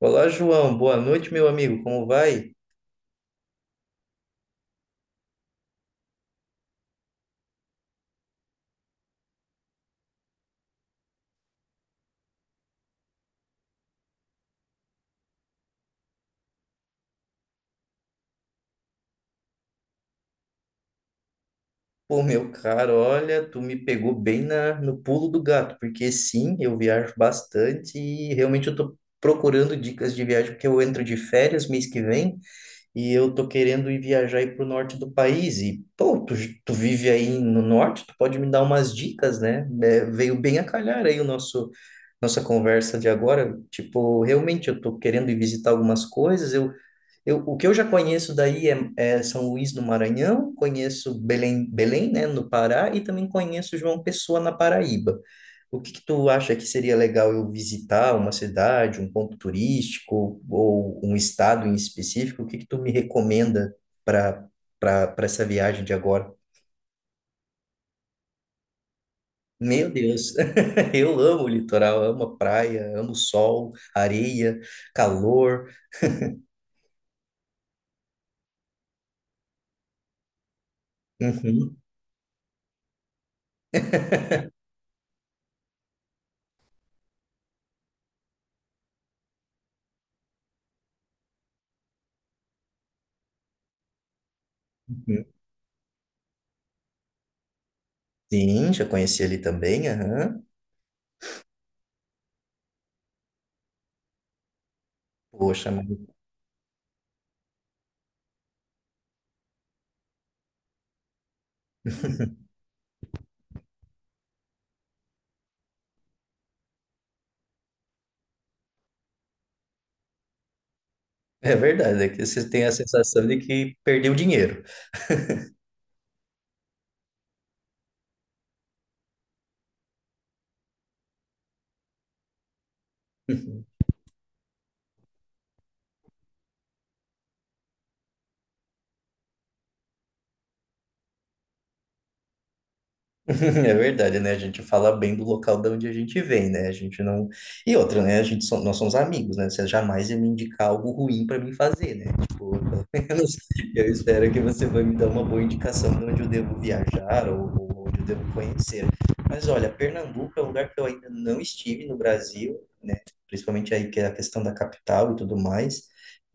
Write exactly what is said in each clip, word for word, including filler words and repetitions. Olá, João. Boa noite, meu amigo. Como vai? Pô, meu caro, olha, tu me pegou bem na, no pulo do gato, porque sim, eu viajo bastante e realmente eu tô procurando dicas de viagem, porque eu entro de férias mês que vem e eu tô querendo ir viajar aí pro norte do país. E, pô, tu, tu vive aí no norte, tu pode me dar umas dicas, né? É, veio bem a calhar aí o nosso. Nossa conversa de agora, tipo, realmente eu tô querendo ir visitar algumas coisas, eu Eu, o que eu já conheço daí é, é São Luís do Maranhão, conheço Belém, Belém, né, no Pará, e também conheço João Pessoa, na Paraíba. O que que tu acha que seria legal eu visitar uma cidade, um ponto turístico ou um estado em específico? O que que tu me recomenda para para para essa viagem de agora? Meu Deus, eu amo o litoral, amo a praia, amo o sol, areia, calor. Uhum, uhum. Sim, já conheci ali também. Aham. Poxa. É verdade, é que você tem a sensação de que perdeu dinheiro. É verdade, né? A gente fala bem do local de onde a gente vem, né? A gente não. E outra, né? A gente som- nós somos amigos, né? Você jamais ia me indicar algo ruim para mim fazer, né? Tipo, pelo menos eu espero que você vai me dar uma boa indicação de onde eu devo viajar ou, ou onde eu devo conhecer. Mas olha, Pernambuco é um lugar que eu ainda não estive no Brasil, principalmente aí que é a questão da capital e tudo mais.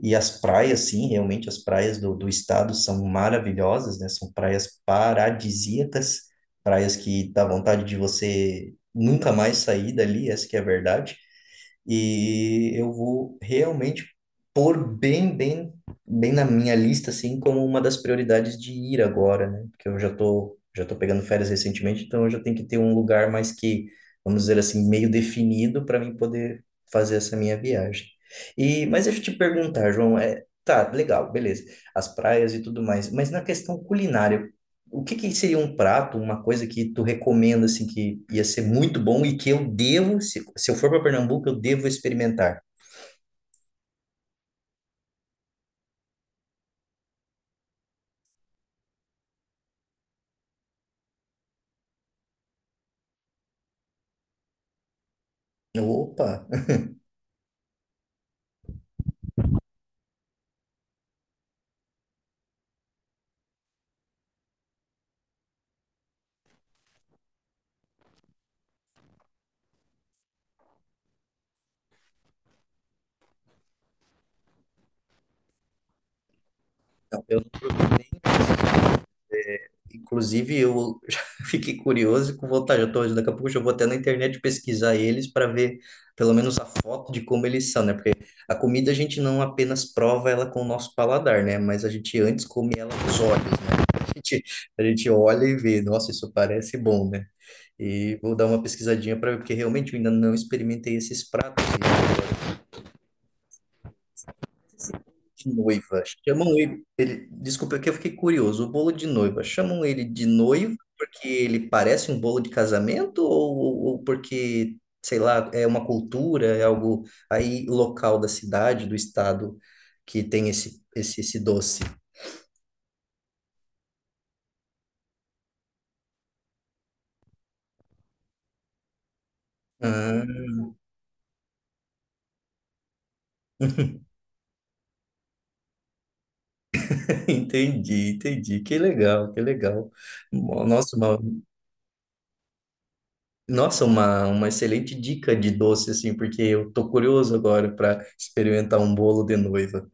E as praias, sim, realmente as praias do, do estado são maravilhosas, né? São praias paradisíacas, praias que dá vontade de você nunca mais sair dali, essa que é a verdade. E eu vou realmente pôr bem, bem, bem na minha lista, assim, como uma das prioridades de ir agora, né? Porque eu já tô, já tô pegando férias recentemente, então eu já tenho que ter um lugar mais que, vamos dizer assim, meio definido para mim poder fazer essa minha viagem. E, mas deixa eu te perguntar, João, é, tá, legal, beleza, as praias e tudo mais, mas na questão culinária, o que que seria um prato, uma coisa que tu recomenda, assim, que ia ser muito bom e que eu devo, se, se eu for para Pernambuco, eu devo experimentar? Eu, opa, não, eu não Inclusive, eu já fiquei curioso e com vontade. Eu tô, daqui a pouco eu já vou até na internet pesquisar eles para ver pelo menos a foto de como eles são, né? Porque a comida a gente não apenas prova ela com o nosso paladar, né? Mas a gente antes come ela com os olhos, né? A gente, a gente olha e vê, nossa, isso parece bom, né? E vou dar uma pesquisadinha para ver, porque realmente eu ainda não experimentei esses pratos. De noiva. Chamam ele, ele, desculpa, que eu fiquei curioso. O bolo de noiva, chamam ele de noiva porque ele parece um bolo de casamento ou, ou ou porque, sei lá, é uma cultura, é algo aí local da cidade, do estado que tem esse esse, esse doce? Ah, entendi, entendi. Que legal, que legal. Mo- Nossa, uma, Nossa, uma, uma excelente dica de doce assim, porque eu tô curioso agora para experimentar um bolo de noiva.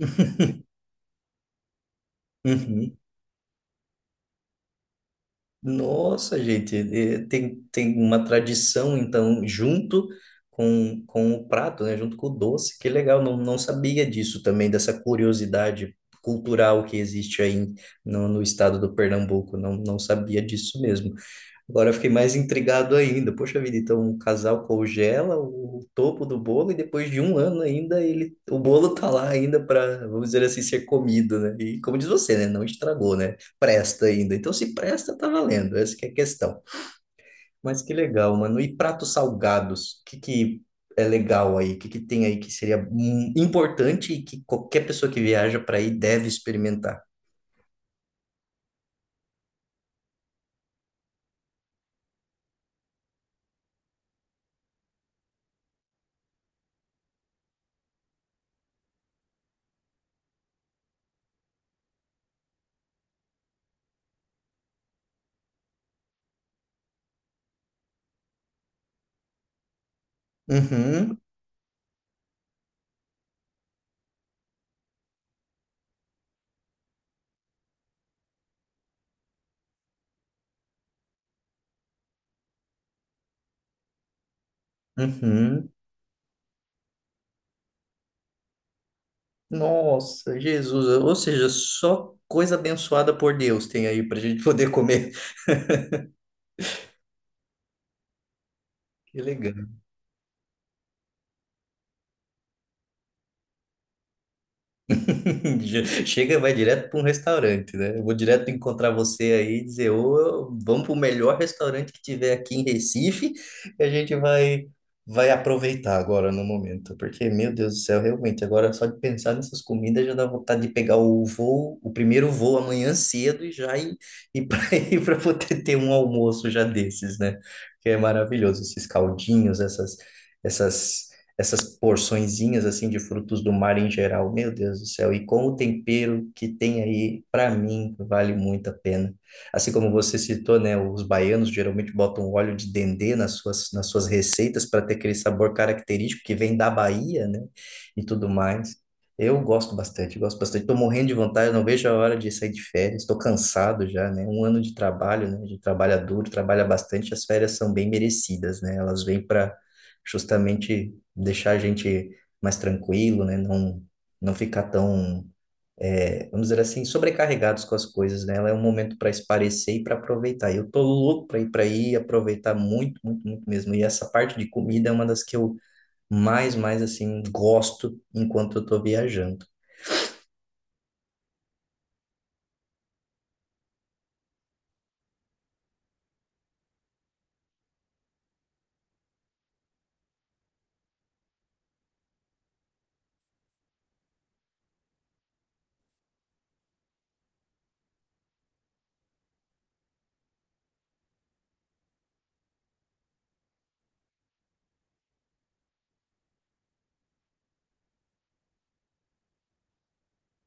Uhum. Nossa, gente, eh, tem, tem uma tradição, então, junto com, com o prato, né? Junto com o doce, que legal, não, não sabia disso também, dessa curiosidade cultural que existe aí no, no estado do Pernambuco, não, não sabia disso mesmo. Agora eu fiquei mais intrigado ainda. Poxa vida, então um casal congela o o topo do bolo e depois de um ano ainda ele, o bolo tá lá ainda para, vamos dizer assim, ser comido, né? E como diz você, né? Não estragou, né? Presta ainda. Então se presta, tá valendo. Essa que é a questão. Mas que legal, mano. E pratos salgados? O que que é legal aí? O que que tem aí que seria hum, importante e que qualquer pessoa que viaja para aí deve experimentar? Uhum, uhum. Nossa, Jesus. Ou seja, só coisa abençoada por Deus tem aí para a gente poder comer. Que legal. Chega, e vai direto para um restaurante, né? Eu vou direto encontrar você aí e dizer, ô, vamos para o melhor restaurante que tiver aqui em Recife, e a gente vai vai aproveitar agora no momento, porque, meu Deus do céu, realmente, agora só de pensar nessas comidas já dá vontade de pegar o voo, o primeiro voo amanhã cedo e já ir, ir para ir para poder ter um almoço já desses, né? Que é maravilhoso, esses caldinhos, essas essas essas porçõezinhas assim de frutos do mar em geral. Meu Deus do céu, e com o tempero que tem aí, para mim, vale muito a pena. Assim como você citou, né, os baianos geralmente botam óleo de dendê nas suas, nas suas receitas para ter aquele sabor característico que vem da Bahia, né, e tudo mais. Eu gosto bastante, gosto bastante. Estou morrendo de vontade, não vejo a hora de sair de férias. Estou cansado já, né? Um ano de trabalho, né? A gente trabalha duro, trabalha bastante. As férias são bem merecidas, né? Elas vêm para justamente deixar a gente mais tranquilo, né? Não, não ficar tão, é, vamos dizer assim, sobrecarregados com as coisas, né? Ela é um momento para esparecer e para aproveitar. Eu tô louco para ir para aí, aproveitar muito, muito, muito mesmo. E essa parte de comida é uma das que eu mais, mais assim gosto enquanto eu tô viajando.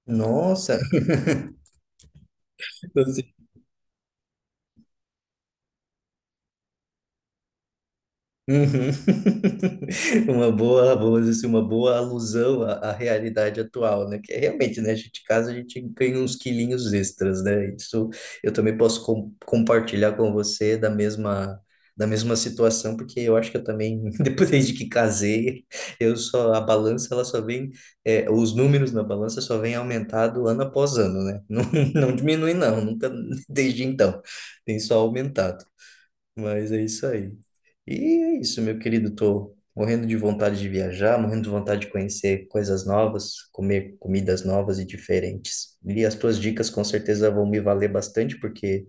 Nossa. Uhum. Uma boa, vamos dizer assim, uma boa alusão à, à realidade atual, né? Que é realmente, né? A gente casa, a gente ganha uns quilinhos extras, né? Isso eu também posso com- compartilhar com você da mesma, da mesma situação, porque eu acho que eu também, depois de que casei, eu só, a balança, ela só vem, é, os números na balança só vem aumentado ano após ano, né? Não, não diminui, não, nunca, desde então, tem só aumentado. Mas é isso aí. E é isso, meu querido. Tô morrendo de vontade de viajar, morrendo de vontade de conhecer coisas novas, comer comidas novas e diferentes. E as tuas dicas com certeza vão me valer bastante, porque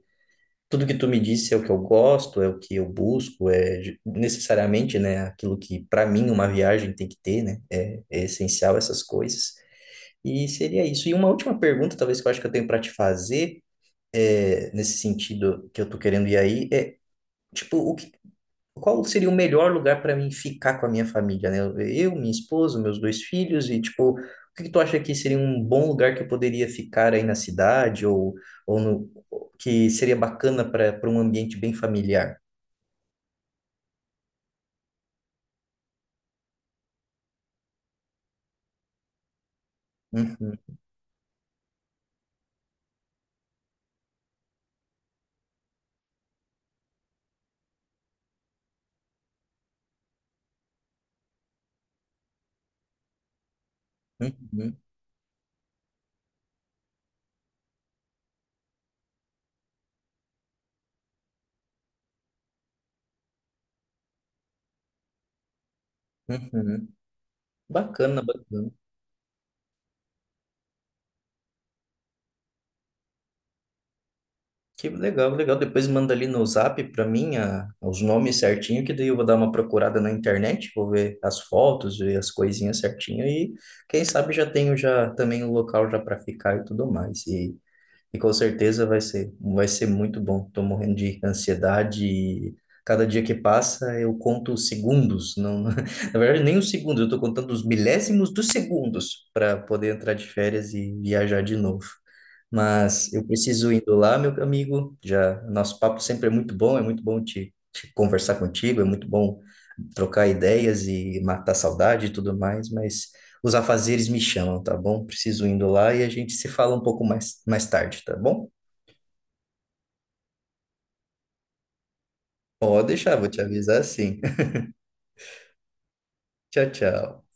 tudo que tu me disse é o que eu gosto, é o que eu busco, é de- necessariamente, né, aquilo que para mim uma viagem tem que ter, né? É, é essencial essas coisas. E seria isso. E uma última pergunta, talvez que eu acho que eu tenho para te fazer, é, nesse sentido que eu tô querendo ir aí, é Tipo, o que qual seria o melhor lugar para mim ficar com a minha família, né? Eu, minha esposa, meus dois filhos e tipo, o que que tu acha que seria um bom lugar que eu poderia ficar aí na cidade ou, ou no, que seria bacana para para um ambiente bem familiar? Uhum, uhum, uhum. Bacana, bacana. Que legal, legal. Depois manda ali no Zap para mim a- os nomes certinho, que daí eu vou dar uma procurada na internet, vou ver as fotos, ver as coisinhas certinho e quem sabe já tenho já também o local já para ficar e tudo mais. E e com certeza vai ser, vai ser muito bom. Estou morrendo de ansiedade e cada dia que passa eu conto os segundos, não, na verdade nem os segundos, eu estou contando os milésimos dos segundos para poder entrar de férias e viajar de novo. Mas eu preciso indo lá, meu amigo. Já nosso papo sempre é muito bom, é muito bom te, te conversar contigo, é muito bom trocar ideias e matar saudade e tudo mais, mas os afazeres me chamam, tá bom? Preciso indo lá e a gente se fala um pouco mais, mais tarde, tá bom? Pode deixar, vou te avisar sim. Tchau, tchau.